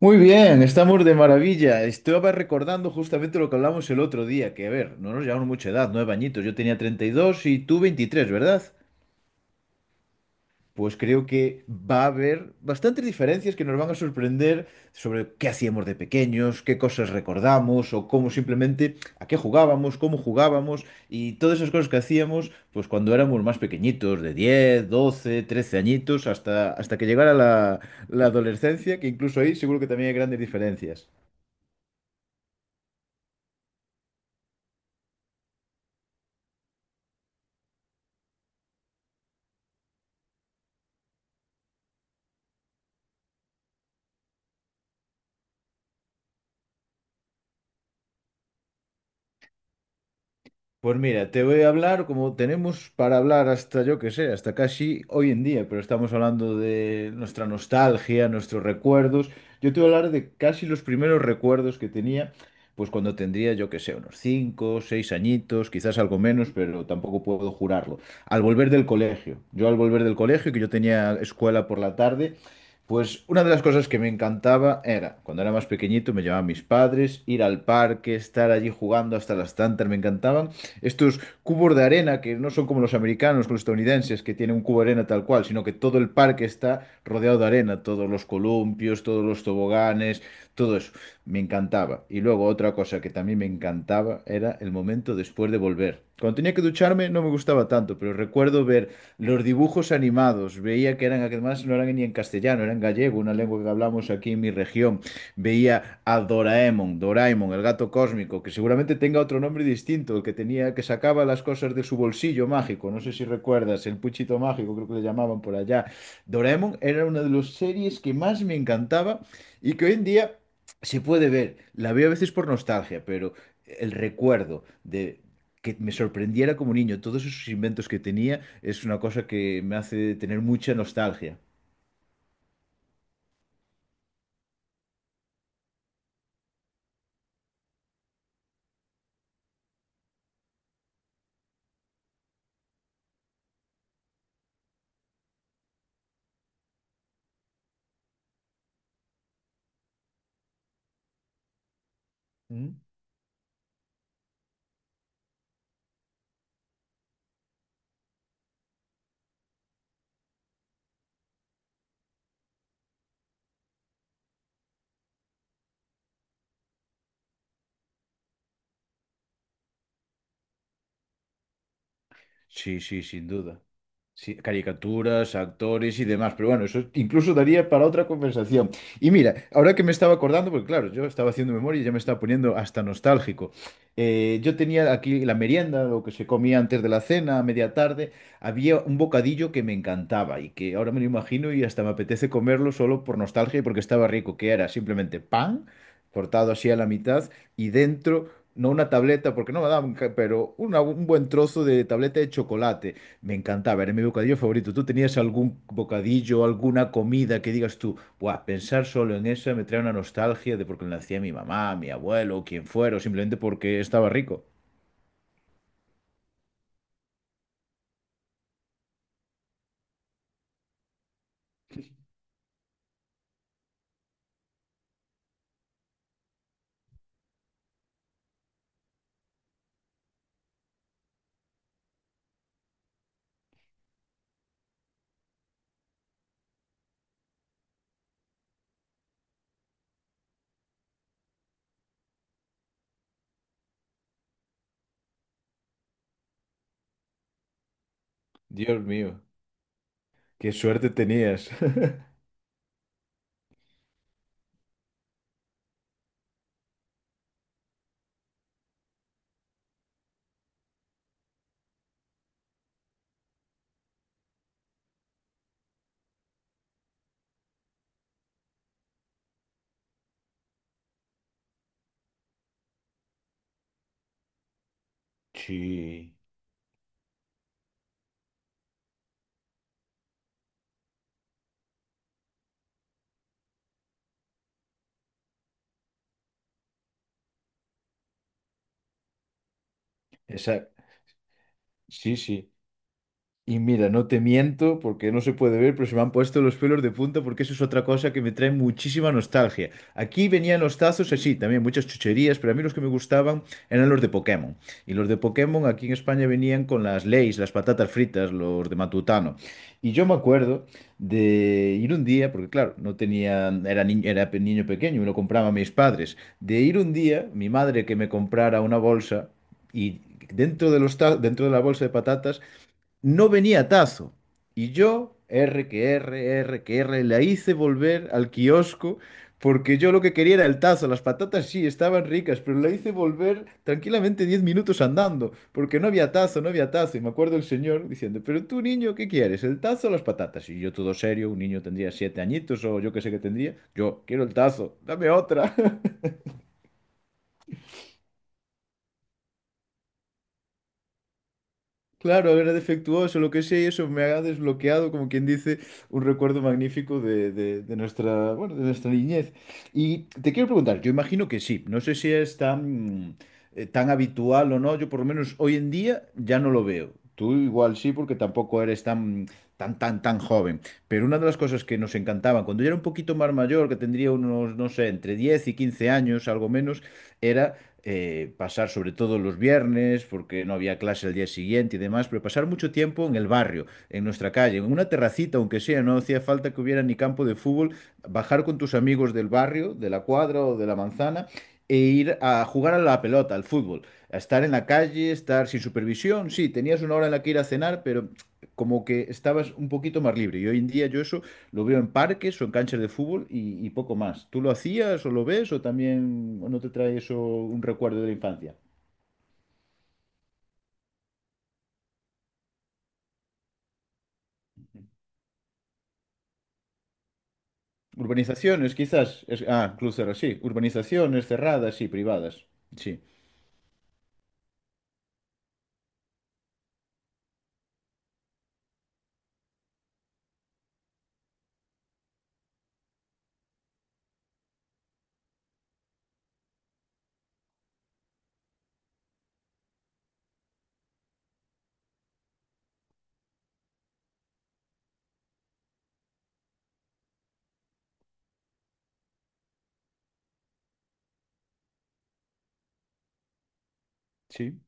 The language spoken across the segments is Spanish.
Muy bien, estamos de maravilla. Estaba recordando justamente lo que hablamos el otro día, que a ver, no nos llevamos mucha edad, 9 añitos. Yo tenía 32 y tú 23, ¿verdad? Pues creo que va a haber bastantes diferencias que nos van a sorprender sobre qué hacíamos de pequeños, qué cosas recordamos o cómo simplemente, a qué jugábamos, cómo jugábamos y todas esas cosas que hacíamos pues cuando éramos más pequeñitos, de 10, 12, 13 añitos, hasta que llegara la adolescencia, que incluso ahí seguro que también hay grandes diferencias. Pues mira, te voy a hablar como tenemos para hablar hasta yo que sé, hasta casi hoy en día, pero estamos hablando de nuestra nostalgia, nuestros recuerdos. Yo te voy a hablar de casi los primeros recuerdos que tenía, pues cuando tendría yo que sé, unos 5, 6 añitos, quizás algo menos, pero tampoco puedo jurarlo. Al volver del colegio, yo al volver del colegio, que yo tenía escuela por la tarde, pues una de las cosas que me encantaba era, cuando era más pequeñito, me llevaban mis padres, ir al parque, estar allí jugando hasta las tantas, me encantaban estos cubos de arena que no son como los americanos, los estadounidenses, que tienen un cubo de arena tal cual, sino que todo el parque está rodeado de arena, todos los columpios, todos los toboganes, todo eso. Me encantaba. Y luego otra cosa que también me encantaba era el momento después de volver. Cuando tenía que ducharme no me gustaba tanto, pero recuerdo ver los dibujos animados. Veía que eran, además no eran ni en castellano, eran gallego, una lengua que hablamos aquí en mi región. Veía a Doraemon, Doraemon, el gato cósmico, que seguramente tenga otro nombre distinto, el que tenía, que sacaba las cosas de su bolsillo mágico. No sé si recuerdas, el puchito mágico, creo que le llamaban por allá. Doraemon era una de las series que más me encantaba y que hoy en día se puede ver. La veo a veces por nostalgia, pero el recuerdo de que me sorprendiera como niño todos esos inventos que tenía es una cosa que me hace tener mucha nostalgia. ¿Mm? Sí, sí, sin duda. Sí, caricaturas, actores y demás. Pero bueno, eso incluso daría para otra conversación. Y mira, ahora que me estaba acordando, porque claro, yo estaba haciendo memoria y ya me estaba poniendo hasta nostálgico. Yo tenía aquí la merienda, lo que se comía antes de la cena, a media tarde. Había un bocadillo que me encantaba y que ahora me lo imagino y hasta me apetece comerlo solo por nostalgia y porque estaba rico, que era simplemente pan cortado así a la mitad y dentro... No una tableta, porque no me daban, un buen trozo de tableta de chocolate. Me encantaba, era mi bocadillo favorito. ¿Tú tenías algún bocadillo, alguna comida que digas tú, buah, pensar solo en eso me trae una nostalgia de porque lo hacía mi mamá, mi abuelo, quien fuera, o simplemente porque estaba rico? Dios mío, qué suerte tenías. Sí, esa, sí, sí. Y mira, no te miento porque no se puede ver, pero se me han puesto los pelos de punta porque eso es otra cosa que me trae muchísima nostalgia. Aquí venían los tazos así, también muchas chucherías, pero a mí los que me gustaban eran los de Pokémon. Y los de Pokémon aquí en España venían con las Lays, las patatas fritas, los de Matutano. Y yo me acuerdo de ir un día, porque claro, no tenía, era niño, niño pequeño, me lo compraban mis padres, de ir un día, mi madre que me comprara una bolsa y dentro de la bolsa de patatas no venía tazo. Y yo, R que R, la hice volver al kiosco porque yo lo que quería era el tazo. Las patatas sí estaban ricas, pero la hice volver tranquilamente 10 minutos andando porque no había tazo, no había tazo. Y me acuerdo el señor diciendo, pero tú niño, ¿qué quieres? ¿El tazo o las patatas? Y yo todo serio, un niño tendría 7 añitos o yo qué sé qué tendría. Yo, quiero el tazo, dame otra. Claro, era defectuoso, lo que sea, y eso me ha desbloqueado, como quien dice, un recuerdo magnífico de nuestra, bueno, de nuestra niñez. Y te quiero preguntar, yo imagino que sí, no sé si es tan habitual o no, yo por lo menos hoy en día ya no lo veo. Tú igual sí, porque tampoco eres tan joven. Pero una de las cosas que nos encantaban, cuando yo era un poquito más mayor, que tendría unos, no sé, entre 10 y 15 años, algo menos, era pasar sobre todo los viernes, porque no había clase al día siguiente y demás, pero pasar mucho tiempo en el barrio, en nuestra calle, en una terracita, aunque sea, no hacía falta que hubiera ni campo de fútbol, bajar con tus amigos del barrio, de la cuadra o de la manzana e ir a jugar a la pelota, al fútbol, a estar en la calle, estar sin supervisión, sí, tenías una hora en la que ir a cenar, pero como que estabas un poquito más libre. Y hoy en día yo eso lo veo en parques o en canchas de fútbol y poco más. ¿Tú lo hacías o lo ves o también o no te trae eso un recuerdo de la infancia? Urbanizaciones, quizás. Club cerrado, sí. Urbanizaciones cerradas, y privadas. Sí, sí.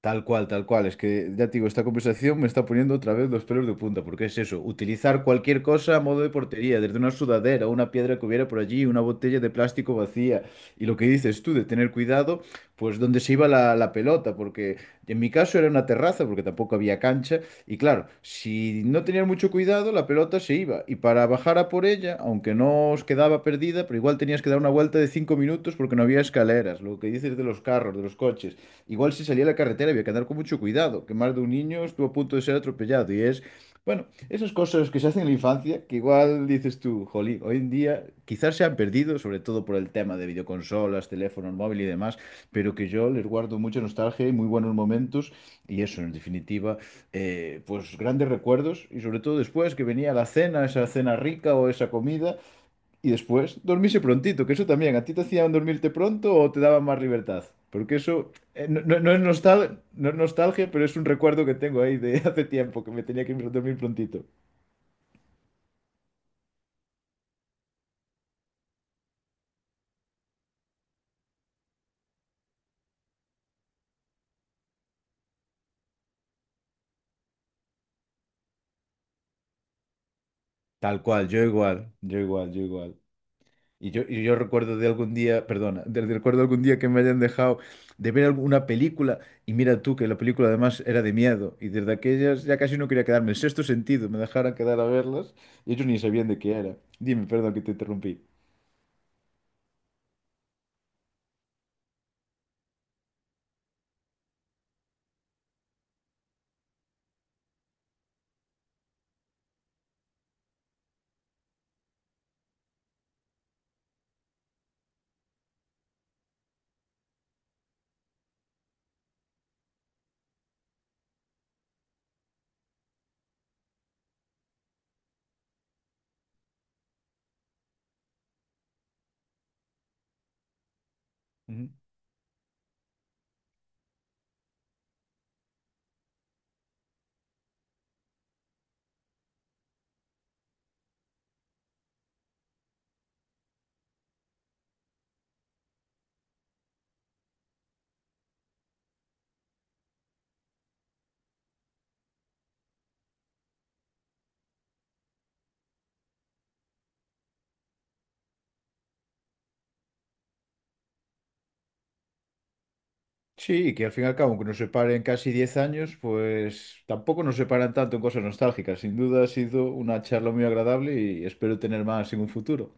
Tal cual, tal cual. Es que, ya te digo, esta conversación me está poniendo otra vez los pelos de punta, porque es eso, utilizar cualquier cosa a modo de portería, desde una sudadera, una piedra que hubiera por allí, una botella de plástico vacía. Y lo que dices tú, de tener cuidado, pues donde se iba la pelota, porque en mi caso era una terraza, porque tampoco había cancha. Y claro, si no tenías mucho cuidado, la pelota se iba. Y para bajar a por ella, aunque no os quedaba perdida, pero igual tenías que dar una vuelta de 5 minutos porque no había escaleras, lo que dices de los carros, de los coches. Igual si salía a la carretera había que andar con mucho cuidado, que más de un niño estuvo a punto de ser atropellado. Y es, bueno, esas cosas que se hacen en la infancia, que igual dices tú, jolín, hoy en día quizás se han perdido, sobre todo por el tema de videoconsolas, teléfonos móviles y demás, pero que yo les guardo mucha nostalgia y muy buenos momentos. Y eso, en definitiva, pues grandes recuerdos. Y sobre todo después que venía la cena, esa cena rica o esa comida. Y después, dormirse prontito, que eso también, ¿a ti te hacían dormirte pronto o te daban más libertad? Porque eso no es no es nostalgia, pero es un recuerdo que tengo ahí de hace tiempo, que me tenía que ir a dormir prontito. Tal cual, yo igual. Yo igual, yo igual. Y yo recuerdo de algún día, perdona, recuerdo algún día que me hayan dejado de ver alguna película, y mira tú que la película además era de miedo, y desde aquellas ya casi no quería quedarme, el sexto sentido, me dejaron quedar a verlas, y ellos ni sabían de qué era. Dime, perdón que te interrumpí. Ujú. Sí, y que al fin y al cabo, aunque nos separen casi 10 años, pues tampoco nos separan tanto en cosas nostálgicas. Sin duda ha sido una charla muy agradable y espero tener más en un futuro.